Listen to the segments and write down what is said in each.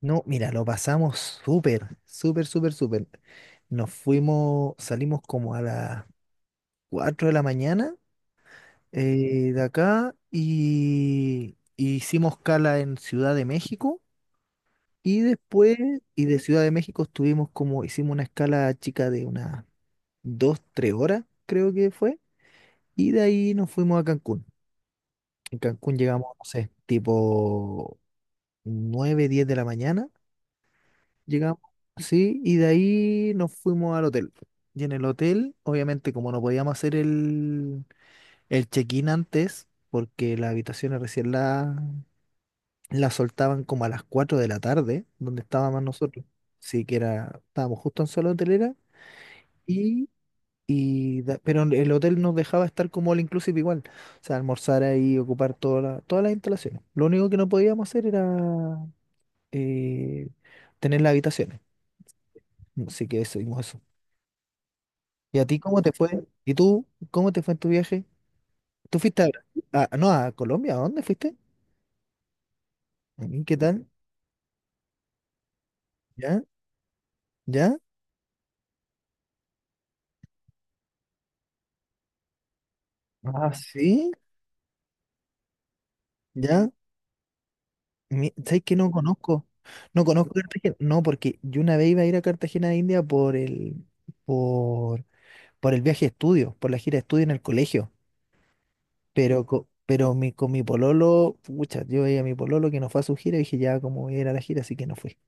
No, mira, lo pasamos súper, súper, súper, súper. Nos fuimos, salimos como a las 4 de la mañana de acá y hicimos escala en Ciudad de México y después, y de Ciudad de México estuvimos como, hicimos una escala chica de unas 2, 3 horas, creo que fue, y de ahí nos fuimos a Cancún. En Cancún llegamos, no sé, tipo 9, 10 de la mañana. Llegamos, sí, y de ahí nos fuimos al hotel. Y en el hotel, obviamente, como no podíamos hacer el check-in antes, porque las habitaciones recién la soltaban como a las 4 de la tarde, donde estábamos nosotros. Sí, que era, estábamos justo en zona hotelera, y, y pero el hotel nos dejaba estar como all inclusive igual. O sea, almorzar ahí, ocupar todas las instalaciones. Lo único que no podíamos hacer era eh, tener las habitaciones. Así que eso, ¿y a ti cómo te fue? ¿Y tú cómo te fue en tu viaje? ¿Tú fuiste a Brasil? Ah, ¿no, a Colombia? ¿A dónde fuiste? Mm, ¿qué tal? ¿Ya? ¿Ya? Ah, sí, ya. ¿Sabes que no conozco? No conozco Cartagena. No, porque yo una vez iba a ir a Cartagena de India por, por el viaje de estudio, por la gira de estudio en el colegio. Pero, pero mi, con mi pololo, pucha, yo veía a mi pololo que no fue a su gira y dije, ya, como voy a ir a la gira, así que no fui.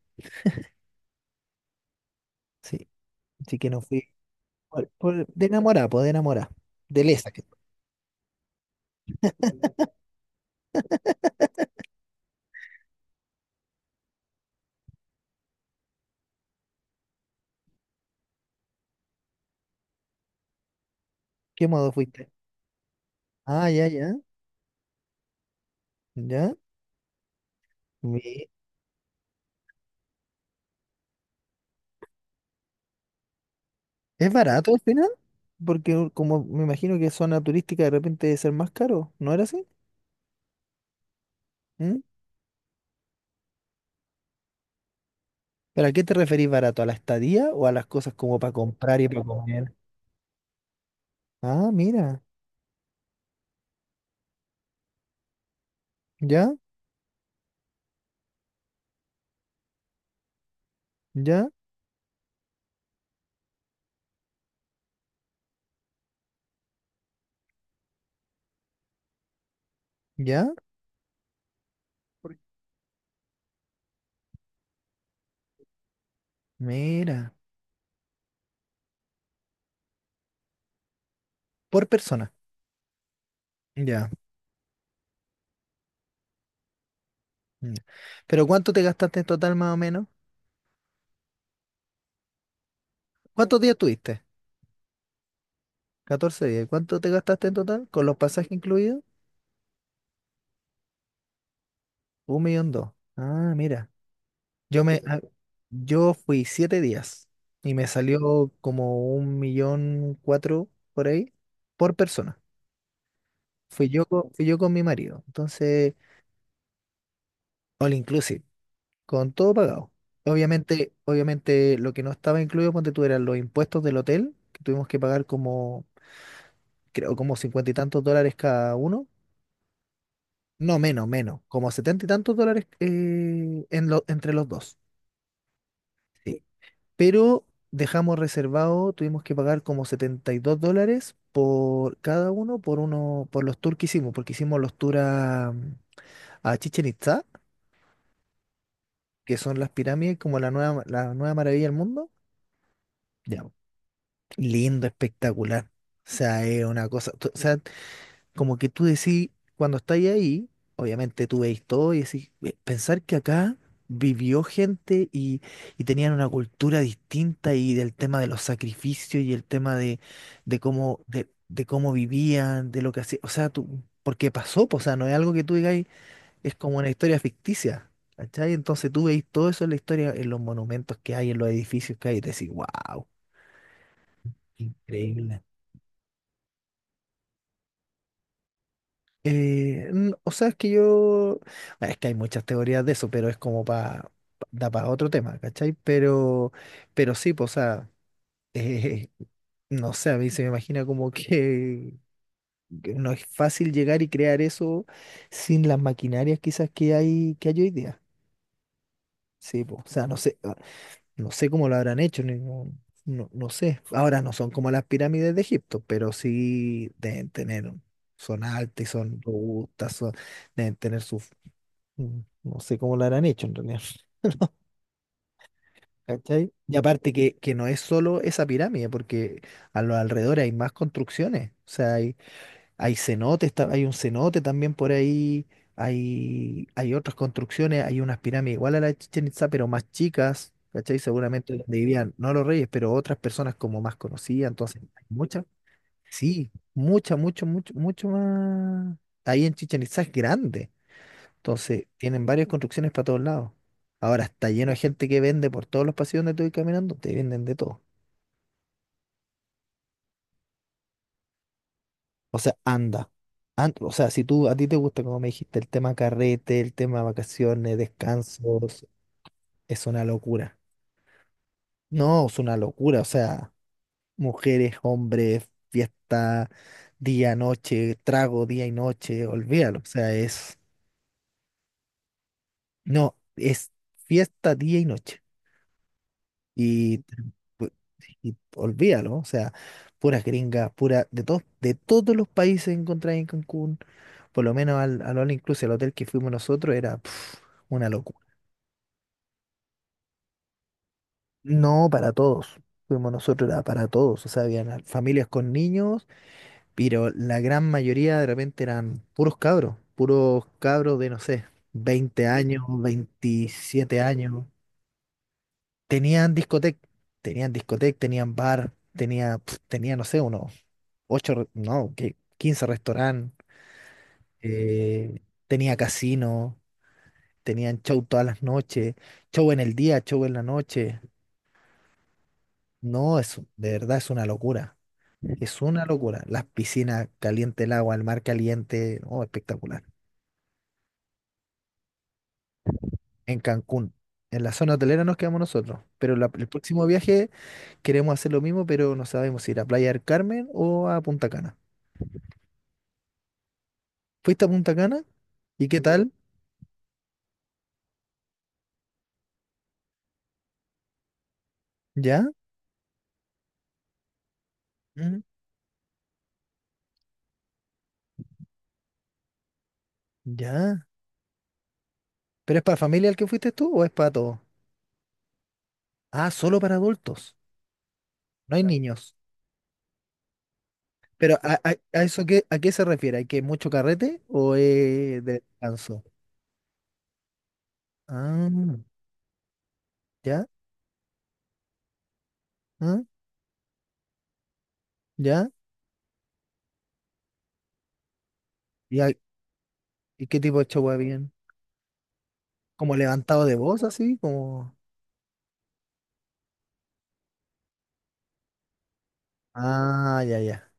Sí, así que no fui. De enamorada, pues de enamorada. De lesa. ¿Qué modo fuiste? Ah, ya, ya, ya. Mi- ¿Es barato al final? Porque como me imagino que zona turística de repente debe ser más caro, ¿no era así? ¿Mm? ¿Pero a qué te referís barato? ¿A la estadía o a las cosas como para comprar y para comer? Ah, mira, ya, ya, ya, mira, por persona, ya. Mm. ¿Pero cuánto te gastaste en total más o menos? ¿Cuántos días tuviste? 14 días. ¿Cuánto te gastaste en total? ¿Con los pasajes incluidos? Un millón dos. Ah, mira. Yo me, ah, yo fui 7 días y me salió como un millón cuatro por ahí por persona. Fui yo con mi marido. Entonces, all inclusive, con todo pagado. Obviamente, obviamente lo que no estaba incluido, ponte tú, eran los impuestos del hotel, que tuvimos que pagar como, creo, como 50 y tantos dólares cada uno. No, menos, menos, como 70 y tantos dólares entre los dos. Sí, pero dejamos reservado, tuvimos que pagar como 72 dólares por cada uno, por uno, por los tours que hicimos, porque hicimos los tours a Chichen Itzá, que son las pirámides, como la nueva maravilla del mundo. Ya. Lindo, espectacular. O sea, es una cosa, o sea, como que tú decís, cuando estáis ahí, obviamente tú veis todo y decís, pensar que acá vivió gente y tenían una cultura distinta y del tema de los sacrificios y el tema de, de cómo vivían, de lo que hacían, o sea, tú, porque pasó, po, o sea, no es algo que tú digáis, es como una historia ficticia. ¿Cachai? Entonces tú veis todo eso en la historia, en los monumentos que hay, en los edificios que hay, y te decís, wow, increíble. O sea, es que yo. Bueno, es que hay muchas teorías de eso, pero es como para. Da para otro tema, ¿cachai? Pero sí, pues, o sea, eh, no sé, a mí se me imagina como que no es fácil llegar y crear eso sin las maquinarias quizás que hay hoy día. Sí, pues, o sea, no sé, no sé cómo lo habrán hecho, no, no, no sé. Ahora no son como las pirámides de Egipto, pero sí deben tener, son altas y son robustas, deben tener sus Mm, no sé cómo lo habrán hecho en realidad. ¿Cachai? Y aparte que no es solo esa pirámide, porque a los alrededores hay más construcciones. O sea, hay cenotes, hay un cenote también por ahí, hay otras construcciones, hay unas pirámides igual a la de Chichén Itzá, pero más chicas, ¿cachai? Seguramente donde vivían, no los reyes, pero otras personas como más conocidas. Entonces, hay muchas, sí, mucha, mucho, mucho, mucho más. Ahí en Chichén Itzá es grande. Entonces, tienen varias construcciones para todos lados. Ahora está lleno de gente que vende por todos los pasillos donde tú vas caminando, te venden de todo. O sea, anda. O sea, si tú a ti te gusta, como me dijiste, el tema carrete, el tema vacaciones, descansos, es una locura. No, es una locura. O sea, mujeres, hombres, fiesta, día, noche, trago, día y noche, olvídalo. O sea, es, no, es fiesta, día y noche. Y y olvídalo, o sea, puras gringas, pura, de todos los países encontradas en Cancún, por lo menos al All Inclusive, el hotel que fuimos nosotros, era pf, una locura. No, para todos, fuimos nosotros, era para todos, o sea, habían familias con niños, pero la gran mayoría de repente eran puros cabros de, no sé, 20 años, 27 años, tenían discoteca, tenían discoteca, tenían bar, tenía, pf, tenía, no sé, uno. Ocho, no, que 15 restaurantes, eh, tenía casino, tenían show todas las noches, show en el día, show en la noche. No, es, de verdad es una locura, es una locura. Las piscinas, caliente el agua, el mar caliente, oh, espectacular. En Cancún, en la zona hotelera nos quedamos nosotros, pero el próximo viaje queremos hacer lo mismo, pero no sabemos si ir a Playa del Carmen o a Punta Cana. ¿Fuiste a Punta Cana? ¿Y qué tal? ¿Ya? Mm, ¿ya? ¿Pero es para familia el que fuiste tú o es para todos? Ah, solo para adultos, no hay Claro. niños. Pero ¿a, a eso qué, a qué se refiere? ¿Hay que mucho carrete o es de descanso? Ah, ya, ah, ya. ¿Y, y qué tipo de show bien? ¿Como levantado de voz así? Como... Ah, ya, ya.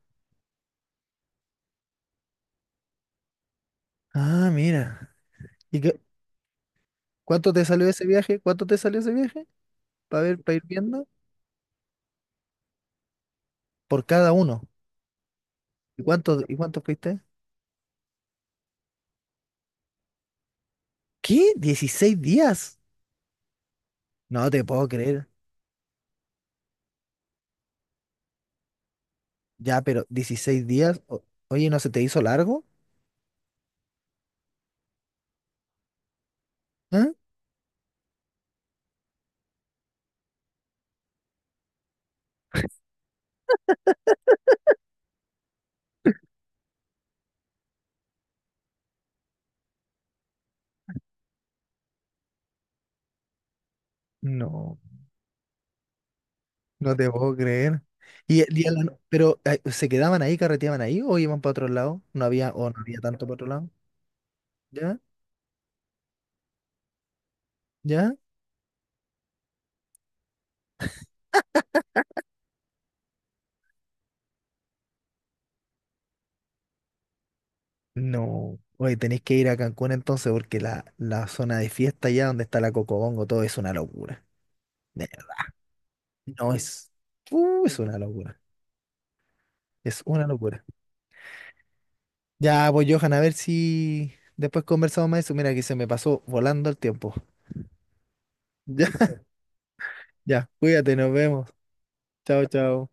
Ah, mira. ¿Y qué- ¿cuánto te salió ese viaje? ¿Cuánto te salió ese viaje? Para ver, para ir viendo. Por cada uno. Y cuánto fuiste? ¿Qué? ¿16 días? No te puedo creer. Ya, pero ¿16 días? Oye, ¿no se te hizo largo? ¿Ah? No, no te puedo creer. Y a la no- pero se quedaban ahí, carreteaban ahí o iban para otro lado. No había, o no había tanto para otro lado. ¿Ya? ¿Ya? No. Oye, tenéis que ir a Cancún entonces porque la zona de fiesta allá, donde está la Cocobongo, todo es una locura. Ne- No es. Es una locura. Es una locura. Ya, pues Johan, a ver si después conversamos más de eso. Mira que se me pasó volando el tiempo. Ya, ya, cuídate, nos vemos. Chao, chao.